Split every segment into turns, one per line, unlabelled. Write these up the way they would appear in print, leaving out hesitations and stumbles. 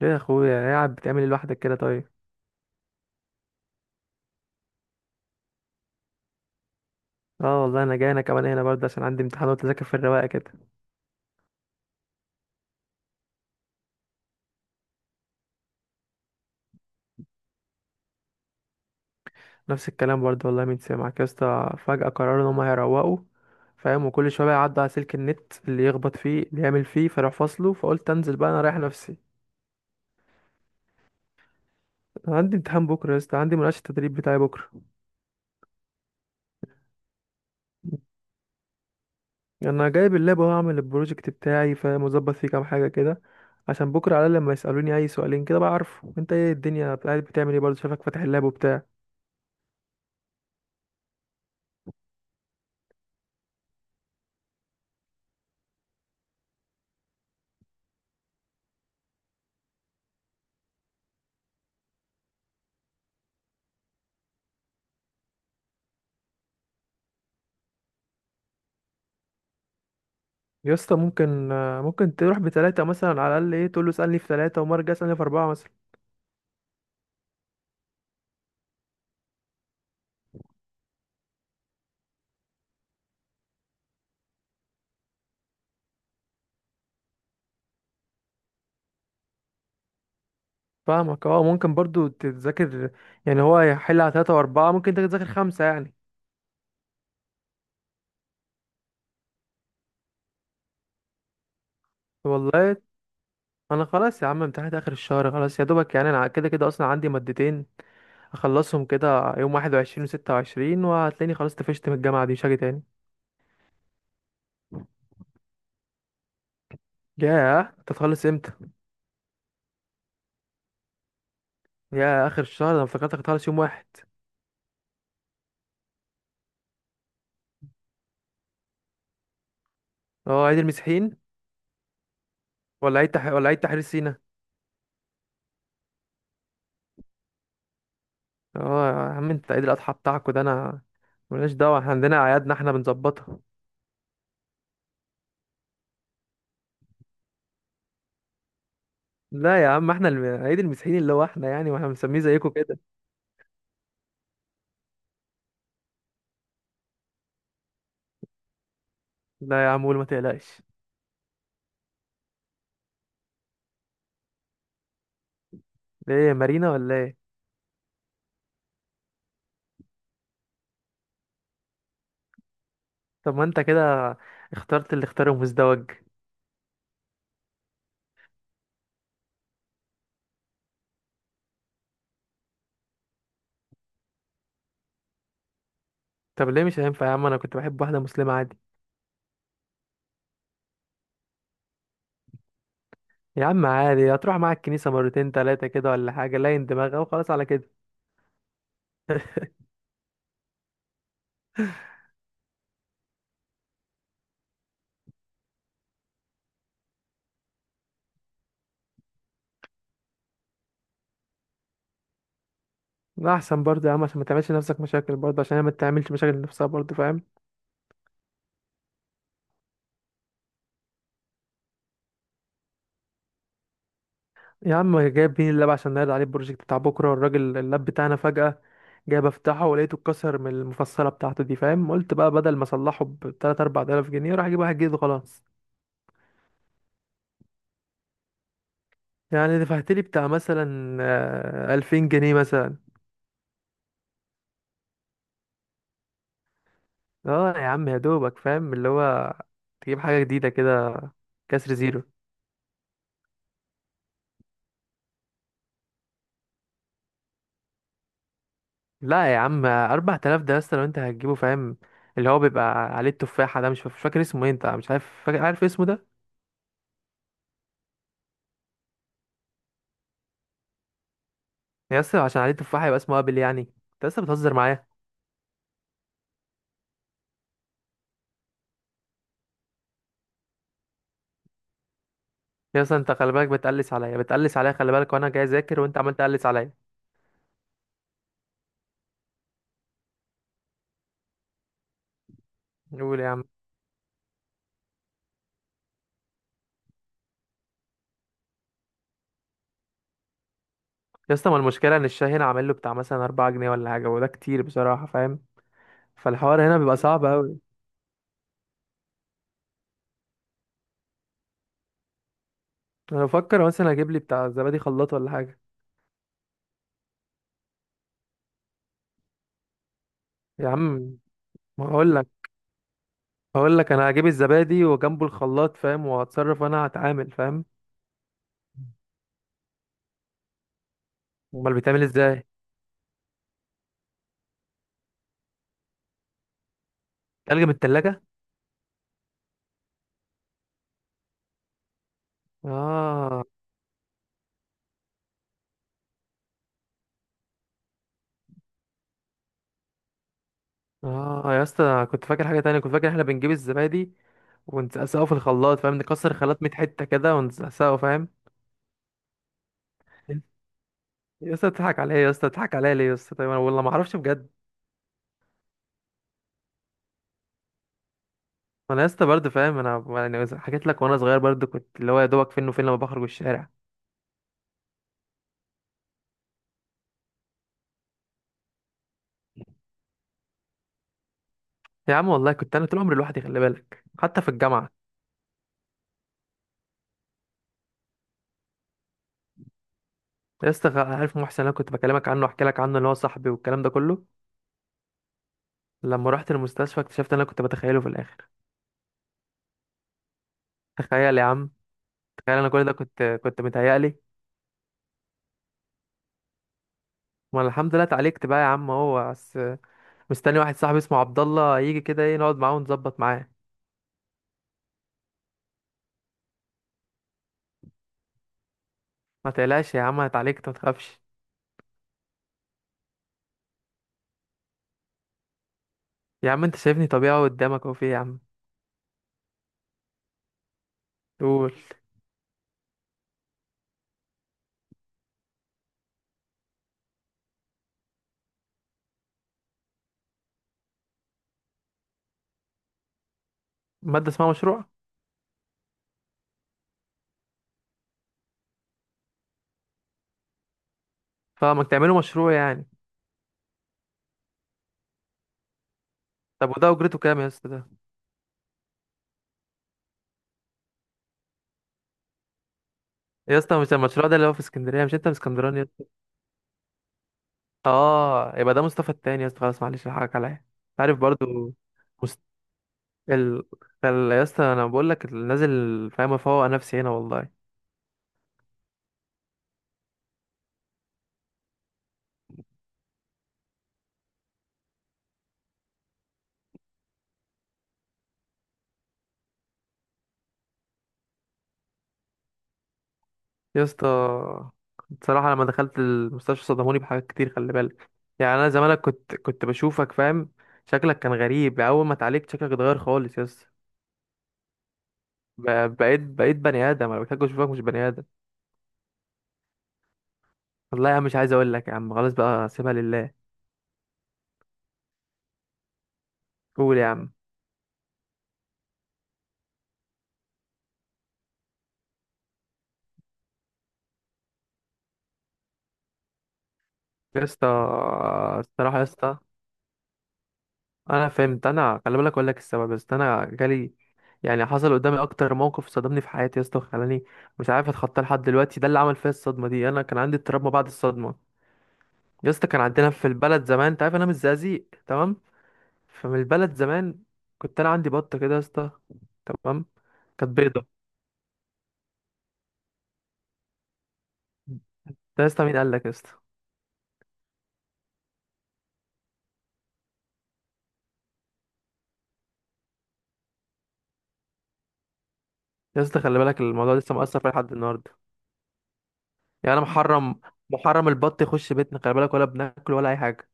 ليه يا اخويا قاعد بتعمل ايه لوحدك كده؟ طيب اه والله انا جاي، انا كمان هنا برضه عشان عندي امتحان وتذاكر في الرواقه كده. نفس الكلام برضه والله. مين سمعك يا اسطى؟ فجاه قرروا ان هم هيروقوا، فاهم، وكل شويه بقى يعدوا على سلك النت اللي يخبط فيه اللي يعمل فيه فراح فاصله، فقلت انزل بقى انا رايح نفسي. انا عندي امتحان بكره يا اسطى، عندي مناقشه التدريب بتاعي بكره. انا جايب اللاب اهو اعمل البروجكت بتاعي، فاهم، وظبط فيه كام حاجه كده عشان بكره على الأقل لما يسالوني اي سؤالين كده بقى عارفه. انت ايه الدنيا؟ قاعد بتعمل ايه برضه؟ شايفك فاتح اللاب وبتاع. يا اسطى ممكن ممكن تروح بتلاتة مثلا، على الأقل ايه تقول له اسألني في تلاتة وما ارجع اسألني في أربعة مثلا. فاهمك اه، ممكن برضو تذاكر، يعني هو هيحل على تلاتة وأربعة، ممكن انت تذاكر خمسة يعني. والله أنا خلاص يا عم، امتحانات آخر الشهر خلاص يا دوبك، يعني أنا كده كده أصلا عندي مادتين أخلصهم كده يوم واحد وعشرين وستة وعشرين، وهتلاقيني خلاص طفشت من الجامعة دي، مش هاجي تاني. ياه، انت هتخلص امتى؟ ياه، آخر الشهر! أنا افتكرتك هتخلص يوم واحد. اه، عيد المسيحيين. ولا عيد تحرير سينا؟ اه يا عم، انت عيد الاضحى بتاعكوا ده انا ملناش دعوه، احنا عندنا اعيادنا احنا بنظبطها. لا يا عم، احنا عيد المسيحيين اللي هو احنا يعني، واحنا بنسميه زيكم كده. لا يا عم قول، ما تقلقش. ليه، مارينا ولا ايه؟ طب ما انت كده اخترت اللي اختاره مزدوج. طب ليه مش هينفع يا عم؟ انا كنت بحب واحده مسلمه عادي. يا عم عادي، هتروح معاك الكنيسه مرتين تلاتة كده ولا حاجه، لين دماغها وخلاص على كده. لا احسن برضه يا عم، عشان ما تعملش نفسك مشاكل برضه، عشان هي ما تعملش مشاكل لنفسها برضه، فاهم. يا عم جايب، مين اللاب عشان نعرض عليه البروجكت بتاع بكرة، والراجل اللاب بتاعنا فجأة جايب افتحه ولقيته اتكسر من المفصلة بتاعته دي، فاهم، قلت بقى بدل ما اصلحه ب 3 4000 جنيه راح اجيب واحد جديد وخلاص. يعني دفعت لي بتاع مثلا 2000 جنيه مثلا. اه يا عم، يا دوبك فاهم اللي هو تجيب حاجة جديدة كده، كسر زيرو. لا يا عم، 4000 ده لسه لو انت هتجيبه، فاهم، اللي هو بيبقى عليه التفاحة ده مش فاكر اسمه ايه، انت مش عارف فاكر؟ عارف اسمه ده؟ يا اسطى عشان عليه تفاحة يبقى اسمه ابل يعني؟ انت لسه بتهزر معايا. يا اسطى انت خلي بالك بتقلس عليا، بتقلس عليا خلي بالك، وانا جاي اذاكر وانت عمال تقلس عليا. قول يا عم. يا اسطى، ما المشكله ان الشاي هنا عامل له بتاع مثلا 4 جنيه ولا حاجه، وده كتير بصراحه، فاهم، فالحوار هنا بيبقى صعب قوي. انا بفكر مثلا اجيب لي بتاع زبادي خلاط ولا حاجه. يا عم، ما هقول لك انا هجيب الزبادي وجنبه الخلاط، فاهم، وهتصرف وانا هتعامل، فاهم. امال بيتعمل ازاي؟ تلج من التلاجة؟ اه. اه يا اسطى، أنا كنت فاكر حاجه تانية، كنت فاكر احنا بنجيب الزبادي ونسقسقه في الخلاط، فاهم، نكسر خلاط 100 حته كده ونسقسقه، فاهم. يا اسطى تضحك عليا، يا اسطى تضحك عليا ليه يا اسطى؟ طيب انا والله ما اعرفش بجد. انا يا اسطى برضه فاهم، انا يعني حكيت لك، وانا صغير برضه كنت اللي هو يا دوبك فين وفين لما بخرج الشارع. يا عم والله كنت انا طول عمري لوحدي، خلي بالك، حتى في الجامعه. يا اسطى، عارف محسن اللي انا كنت بكلمك عنه واحكي لك عنه، اللي هو صاحبي والكلام ده كله؟ لما رحت المستشفى اكتشفت اللي انا كنت بتخيله في الاخر. تخيل يا عم، تخيل، انا كل ده كنت متهيألي. ما الحمد لله اتعالجت بقى يا عم، هو بس مستني واحد صاحبي اسمه عبد الله يجي كده ايه، نقعد معاه ونظبط معاه. ما تقلقش يا عم انا اتعالجت، ما تخافش. يا عم انت شايفني طبيعي قدامك اهو، في إيه يا عم؟ قول. مادة اسمها مشروع؟ فما تعملوا مشروع يعني؟ طب وده اجرته كام يا اسطى ده؟ يا اسطى، مش المشروع ده اللي هو في اسكندريه؟ مش انت من اسكندراني يا اسطى؟ اه، يبقى ده مصطفى التاني يا اسطى، خلاص، معلش الحقك عليا، أنت عارف برضو. مست... ال... يا اسطى انا بقول لك نازل، فاهم، افوق نفسي هنا والله. يا اسطى، بصراحة لما دخلت المستشفى صدموني بحاجات كتير، خلي بالك، يعني أنا زمانك كنت بشوفك، فاهم، شكلك كان غريب. أول ما اتعالجت شكلك اتغير خالص يا اسطى، بقيت بني آدم. أنا بحتاج أشوفك مش بني آدم. والله يا عم، مش عايز أقول لك يا عم، خلاص بقى سيبها لله. قول يا عم. يا اسطى، الصراحة يا اسطى، أنا فهمت، أنا خلي بالك أقول لك السبب، بس أنا جالي يعني، حصل قدامي أكتر موقف صدمني في حياتي يا اسطى، وخلاني مش عارف أتخطاه لحد دلوقتي. ده اللي عمل فيا الصدمة دي، أنا كان عندي اضطراب ما بعد الصدمة. يا اسطى، كان عندنا في البلد زمان، انت عارف انا من الزقازيق، تمام؟ فمن البلد زمان كنت انا عندي بطه كده يا اسطى، تمام؟ كانت بيضه. ده يا اسطى، مين قال لك يا اسطى؟ يا اسطى، خلي بالك الموضوع لسه مأثر فيا لحد النهارده. يعني انا محرم، محرم البط يخش بيتنا، خلي بالك، ولا بناكل ولا اي حاجه.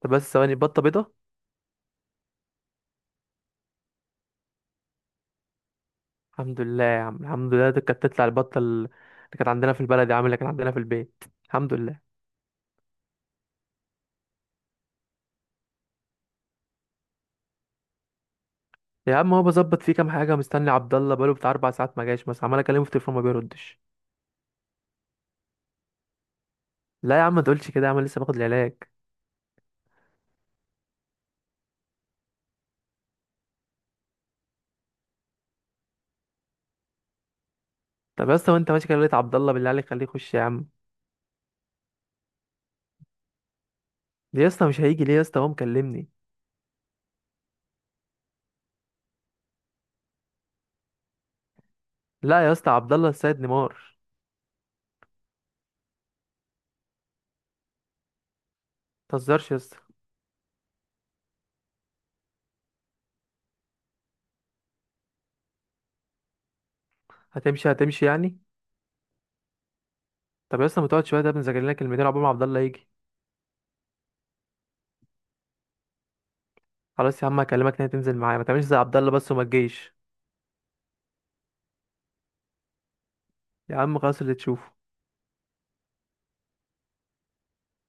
طب بس ثواني، بطه بيضه؟ الحمد لله يا عم، الحمد لله، دي كانت تطلع البطه اللي كانت عندنا في البلد يا عم، اللي كانت عندنا في البيت، الحمد لله. يا عم، هو بظبط فيه كام حاجه، مستني عبد الله بقاله بتاع اربع ساعات ما جاش مثلا، عمال اكلمه في التليفون ما بيردش. لا يا عم ما تقولش كده، يا عم لسه باخد العلاج. طب يا اسطى، وانت ماشي كده لقيت عبد الله، بالله عليك خليه يخش يا عم. ليه يا اسطى مش هيجي؟ ليه يا اسطى؟ هو مكلمني. لا يا اسطى، عبد الله السيد نيمار. ما تهزرش يا اسطى. هتمشي؟ هتمشي يعني؟ طب يا اسطى ما تقعد شويه، ده بنذاكر لنا كلمتين عقبال ما عبد الله يجي. خلاص يا عم هكلمك، انها تنزل معايا، ما تعملش زي عبد الله بس وما تجيش. يا عم خلاص، اللي تشوفه.